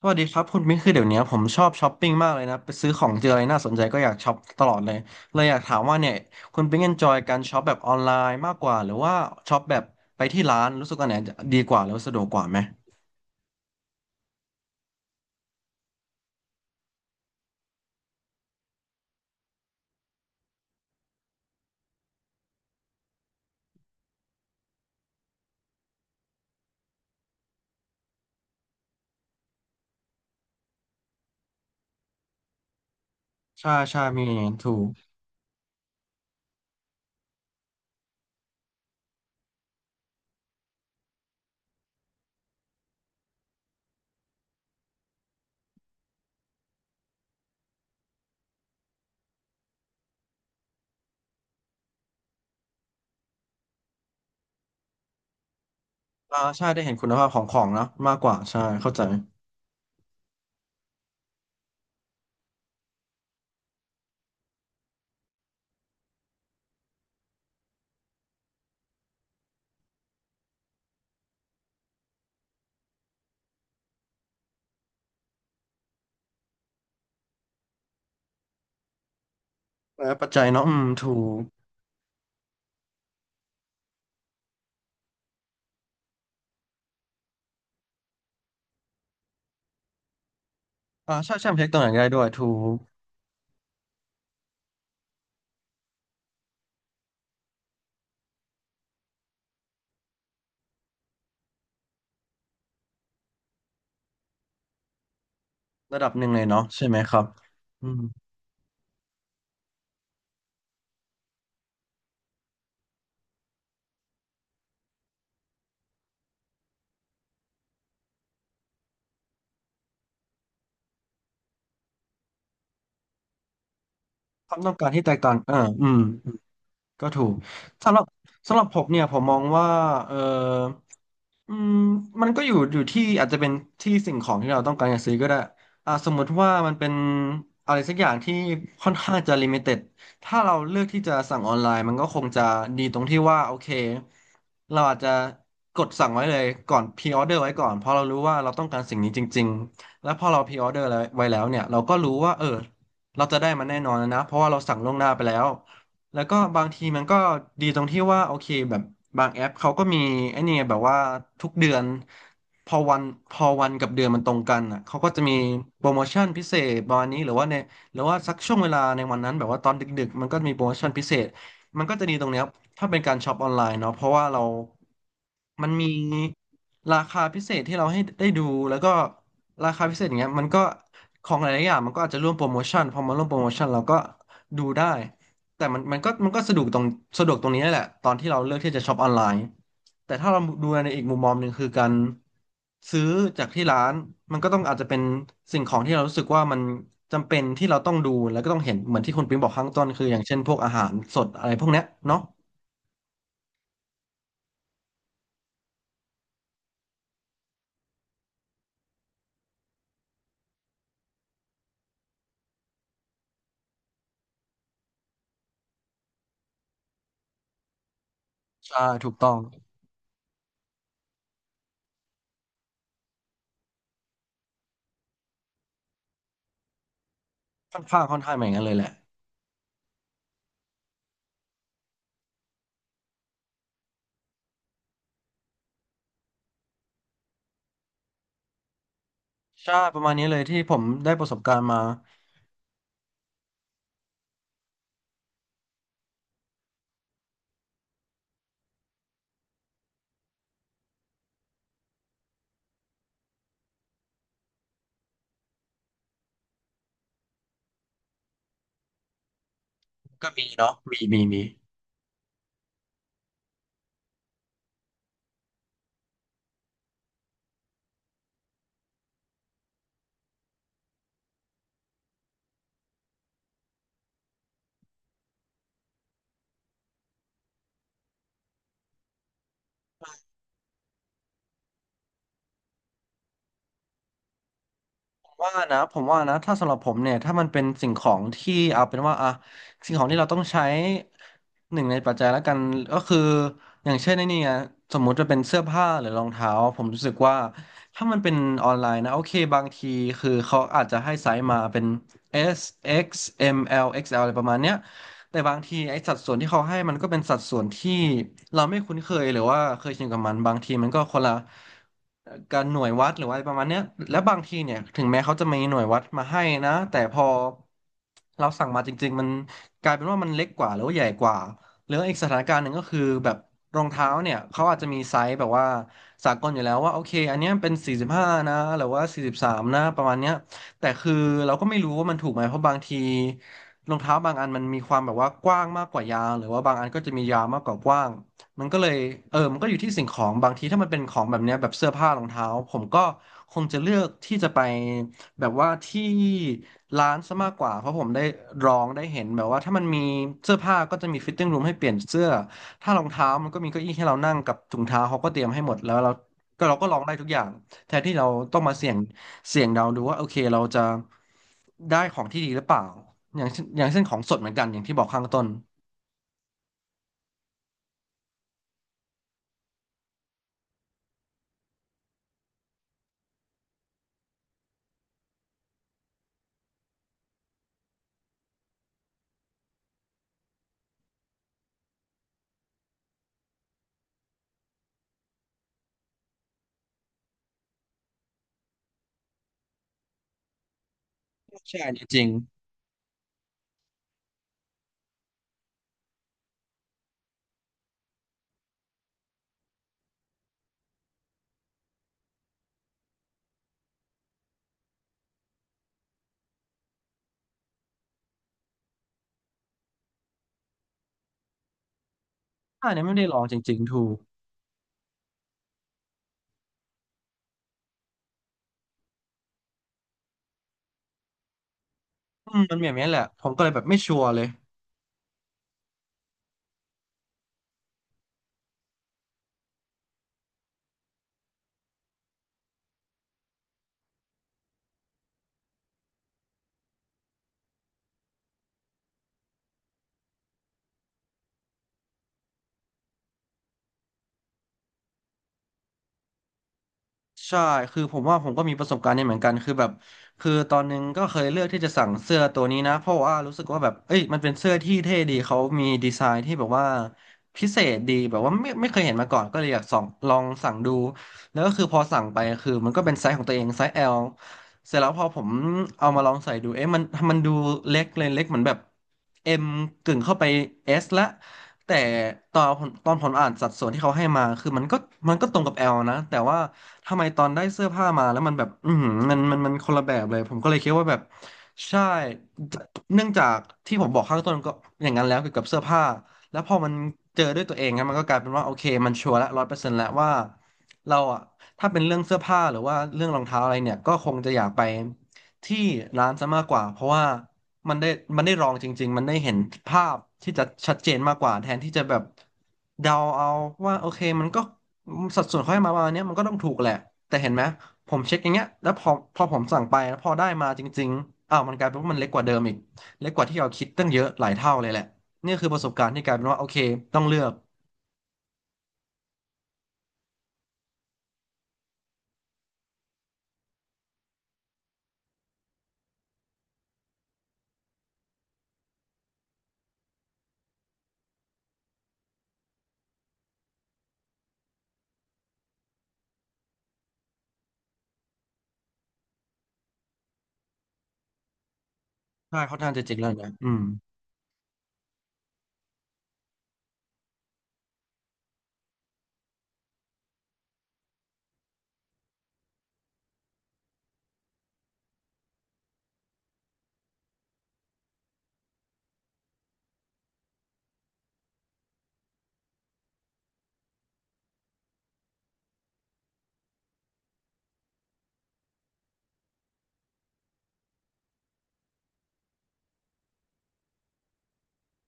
สวัสดีครับคุณมิ้นคือเดี๋ยวนี้ผมชอบช้อปปิ้งมากเลยนะไปซื้อของเจออะไรน่าสนใจก็อยากช็อปตลอดเลยเลยอยากถามว่าเนี่ยคุณปิ๊งเอนจอยการช็อปแบบออนไลน์มากกว่าหรือว่าช็อปแบบไปที่ร้านรู้สึกอันไหนดีกว่าแล้วาสะดวกกว่าไหมใช่ใช่มีอย่างนั้นถูกอ่าใช่ได้เห็นคุณภาพของของเนอะมากกว่าใช่เข้าใจและปัจจัยเนาะอืมถูกอ่าใช่ใช่มันเช็คตรงไหนก็ได้ด้วยถูกระดับหนึ่งเลยเนาะใช่ไหมครับอืมความต้องการที่แตกต่างอ่าอืม ก็ถูกสำหรับสำหรับผมเนี่ยผมมองว่าเอออืมมันก็อยู่ที่อาจจะเป็นที่สิ่งของที่เราต้องการจะซื้อก็ได้อ่าสมมุติว่ามันเป็นอะไรสักอย่างที่ค่อนข้างจะลิมิเต็ดถ้าเราเลือกที่จะสั่งออนไลน์มันก็คงจะดีตรงที่ว่าโอเคเราอาจจะกดสั่งไว้เลยก่อนพรีออเดอร์ไว้ก่อนเพราะเรารู้ว่าเราต้องการสิ่งนี้จริงๆแล้วพอเราพรีออเดอร์ไว้แล้วเนี่ยเราก็รู้ว่าเออเราจะได้มันแน่นอนนะเพราะว่าเราสั่งล่วงหน้าไปแล้ว แล้วก็บางทีมันก็ดีตรงที่ว่าโอเคแบบบางแอปเขาก็มีไอ้นี่ไงแบบว่าทุกเดือนพอวันพอวันกับเดือนมันตรงกันอ่ะเขาก็จะมีโปรโมชั่นพิเศษประมาณนี้หรือว่าในหรือว่าสักช่วงเวลาในวันนั้นแบบว่าตอนดึกๆมันก็มีโปรโมชั่นพิเศษมันก็จะดีตรงเนี้ยถ้าเป็นการช็อปออนไลน์เนาะเพราะว่าเรามันมีราคาพิเศษที่เราให้ได้ดูแล้วก็ราคาพิเศษอย่างเงี้ยมันก็ของหลายๆอย่างมันก็อาจจะร่วมโปรโมชั่นพอมาร่วมโปรโมชั่นเราก็ดูได้ แต่มันก็สะดวกตรงนี้แหละตอนที่เราเลือกที่จะช็อปออนไลน์แต่ถ้าเราดูในอีกมุมมองหนึ่งคือการซื้อจากที่ร้านมันก็ต้องอาจจะเป็นสิ่งของที่เรารู้สึกว่ามันจำเป็นที่เราต้องดูแล้วก็ต้องเห็นเหมือนที่คุณปิ๊งบอกข้างต้นคืออย่างเช่นพวกอาหารสดอะไรพวกเนี้ยเนาะใช่ถูกต้องค่อนข้างเหมือนกันเลยแหละใช่ประมาณนี้เลยที่ผมได้ประสบการณ์มาก็มีเนาะมีมีมี ว่านะผมว่านะถ้าสำหรับผมเนี่ยถ้ามันเป็นสิ่งของที่เอาเป็นว่าอะสิ่งของที่เราต้องใช้หนึ่งในปัจจัยแล้วกันก็คืออย่างเช่นในนี่ไงสมมุติจะเป็นเสื้อผ้าหรือรองเท้าผมรู้สึกว่าถ้ามันเป็นออนไลน์นะโอเคบางทีคือเขาอาจจะให้ไซส์มาเป็น S X M L X L อะไรประมาณเนี้ย แต่บางทีไอ้สัดส่วนที่เขาให้มันก็เป็นสัดส่วนที่เราไม่คุ้นเคยหรือว่าเคยชินกับมันบางทีมันก็คนละการหน่วยวัดหรือว่าอะไรประมาณเนี้ยและบางทีเนี่ยถึงแม้เขาจะมีหน่วยวัดมาให้นะแต่พอเราสั่งมาจริงๆมันกลายเป็นว่ามันเล็กกว่าหรือว่าใหญ่กว่าหรืออีกสถานการณ์หนึ่งก็คือแบบรองเท้าเนี่ยเขาอาจจะมีไซส์แบบว่าสากลอยู่แล้วว่าโอเคอันเนี้ยเป็น45นะหรือว่า43นะประมาณเนี้ย แต่คือเราก็ไม่รู้ว่ามันถูกไหมเพราะบางทีรองเท้าบางอันมันมีความแบบว่ากว้างมากกว่ายางหรือว่าบางอันก็จะมียาวมากกว่ากว้างมันก็เลยเออมันก็อยู่ที่สิ่งของบางทีถ้ามันเป็นของแบบเนี้ยแบบเสื้อผ้ารองเท้าผมก็คงจะเลือกที่จะไปแบบว่าที่ร้านซะมากกว่าเพราะผมได้ลองได้เห็นแบบว่าถ้ามันมีเสื้อผ้าก็จะมีฟิตติ้งรูมให้เปลี่ยนเสื้อถ้ารองเท้ามันก็มีเก้าอี้ให้เรานั่งกับถุงเท้าเขาก็เตรียมให้หมดแล้วเราก็ลองได้ทุกอย่าง แทนที่เราต้องมาเสี่ยงเดาดูว่าโอเคเราจะได้ของที่ดีหรือเปล่าอย่างเช่นของสดเหมือนกันอย่างที่บอกข้างต้นใช่อันนี้จริงอันนี้ไม่ได้ลองจริงๆถูกอืมมันแบบนี้แหละผมก็เลยแบบไม่ชัวร์เลย ใช่คือผมว่าผมก็มีประสบการณ์นี้เหมือนกันคือแบบคือตอนนึงก็เคยเลือกที่จะสั่งเสื้อตัวนี้นะเพราะว่ารู้สึกว่าแบบเอ้ยมันเป็นเสื้อที่เท่ดี เขามีดีไซน์ที่แบบว่าพิเศษดีแบบว่าไม่เคยเห็นมาก่อนก็เลยอยากส่องลองสั่งดู แล้วก็คือพอสั่งไปคือมันก็เป็นไซส์ของตัวเองไซส์ L เสร็จแล้วพอผมเอามาลองใส่ดูเอ๊ะมันดูเล็กเลยเล็กเหมือนแบบ M กึ่งเข้าไป S ละแต่ตอนผมอ่านสัดส่วนที่เขาให้มา คือมันก็ตรงกับ L นะ แต่ว่าทำไมตอนได้เสื้อผ้ามาแล้วมันแบบอือหือมันคนละแบบเลย ผมก็เลยคิดว่าแบบใช่ เนื่องจากที่ผมบอกข้างต้นก็อย่างนั้นแล้วเกี่ยวกับเสื้อผ้า แล้วพอมันเจอด้วยตัวเองครับมันก็กลายเป็นว่าโอเคมันชัวร์ละ100%แล้วว่าเราอะถ้าเป็นเรื่องเสื้อผ้าหรือว่าเรื่องรองเท้าอะไรเนี่ยก็คงจะอยากไปที่ร้านซะมากกว่าเพราะว่ามันได้มันได้ลองจริงๆมันได้เห็นภาพที่จะชัดเจนมากกว่าแทนที่จะแบบเดาเอาว่าโอเคมันก็สัดส่วนเขาให้มาประมาณเนี้ยมันก็ต้องถูกแหละแต่เห็นไหมผมเช็คอย่างเงี้ยแล้วพอผมสั่งไปแล้วพอได้มาจริงๆอ้าวมันกลายเป็นว่ามันเล็กกว่าเดิมอีกเล็กกว่าที่เราคิดตั้งเยอะหลายเท่าเลยแหละ นี่คือประสบการณ์ที่กลายเป็นว่าโอเคต้องเลือกใช่ค่อนข้างจะเจ๋งแล้วนะอืม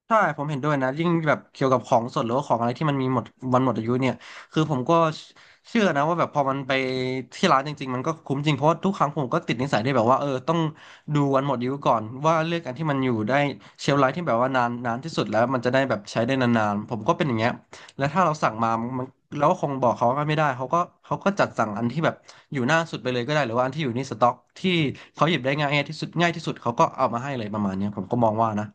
ใช่ผมเห็นด้วยนะ ยิ่งแบบเกี่ยวกับของสดหรือว่าของอะไรที่มันมีหมดวันหมดอายุเนี่ยคือผมก็เชื่อนะว่าแบบพอมันไปที่ร้านจริงๆมันก็คุ้มจริง เพราะว่าทุกครั้งผมก็ติดนิสัยที่แบบว่าเออต้องดูวันหมดอายุก่อนว่าเลือกอันที่มันอยู่ได้เชลฟ์ไลฟ์ที่แบบว่านานนานที่สุดแล้วมันจะได้แบบใช้ได้นานๆ ผมก็เป็นอย่างเงี้ยและถ้าเราสั่งมามันเราก็คงบอกเขาก็ไม่ได้เขาก็จัดสั่งอันที่แบบอยู่หน้าสุดไปเลยก็ได้หรือว่าอันที่อยู่ในสต็อกที่เขาหยิบได้ง่ายที่สุดเขาก็เอามาให้เลยประมาณเนี้ยผมก็มองว่านะ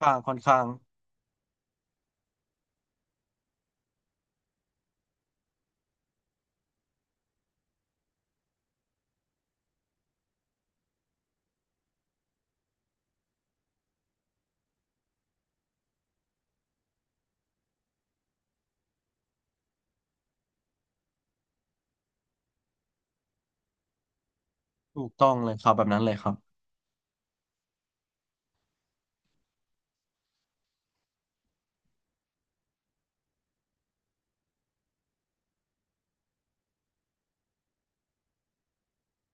ค่อนข้าง ถูกต้องเลยครับแบบนั้นเลยครับ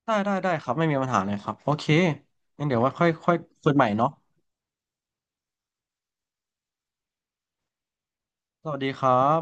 ได้ครับไม่มีปัญหาเลยครับโอเคงั้นเดี๋ยวว่าค่อยค่อยคุยใหม่เนาะสวัสดีครับ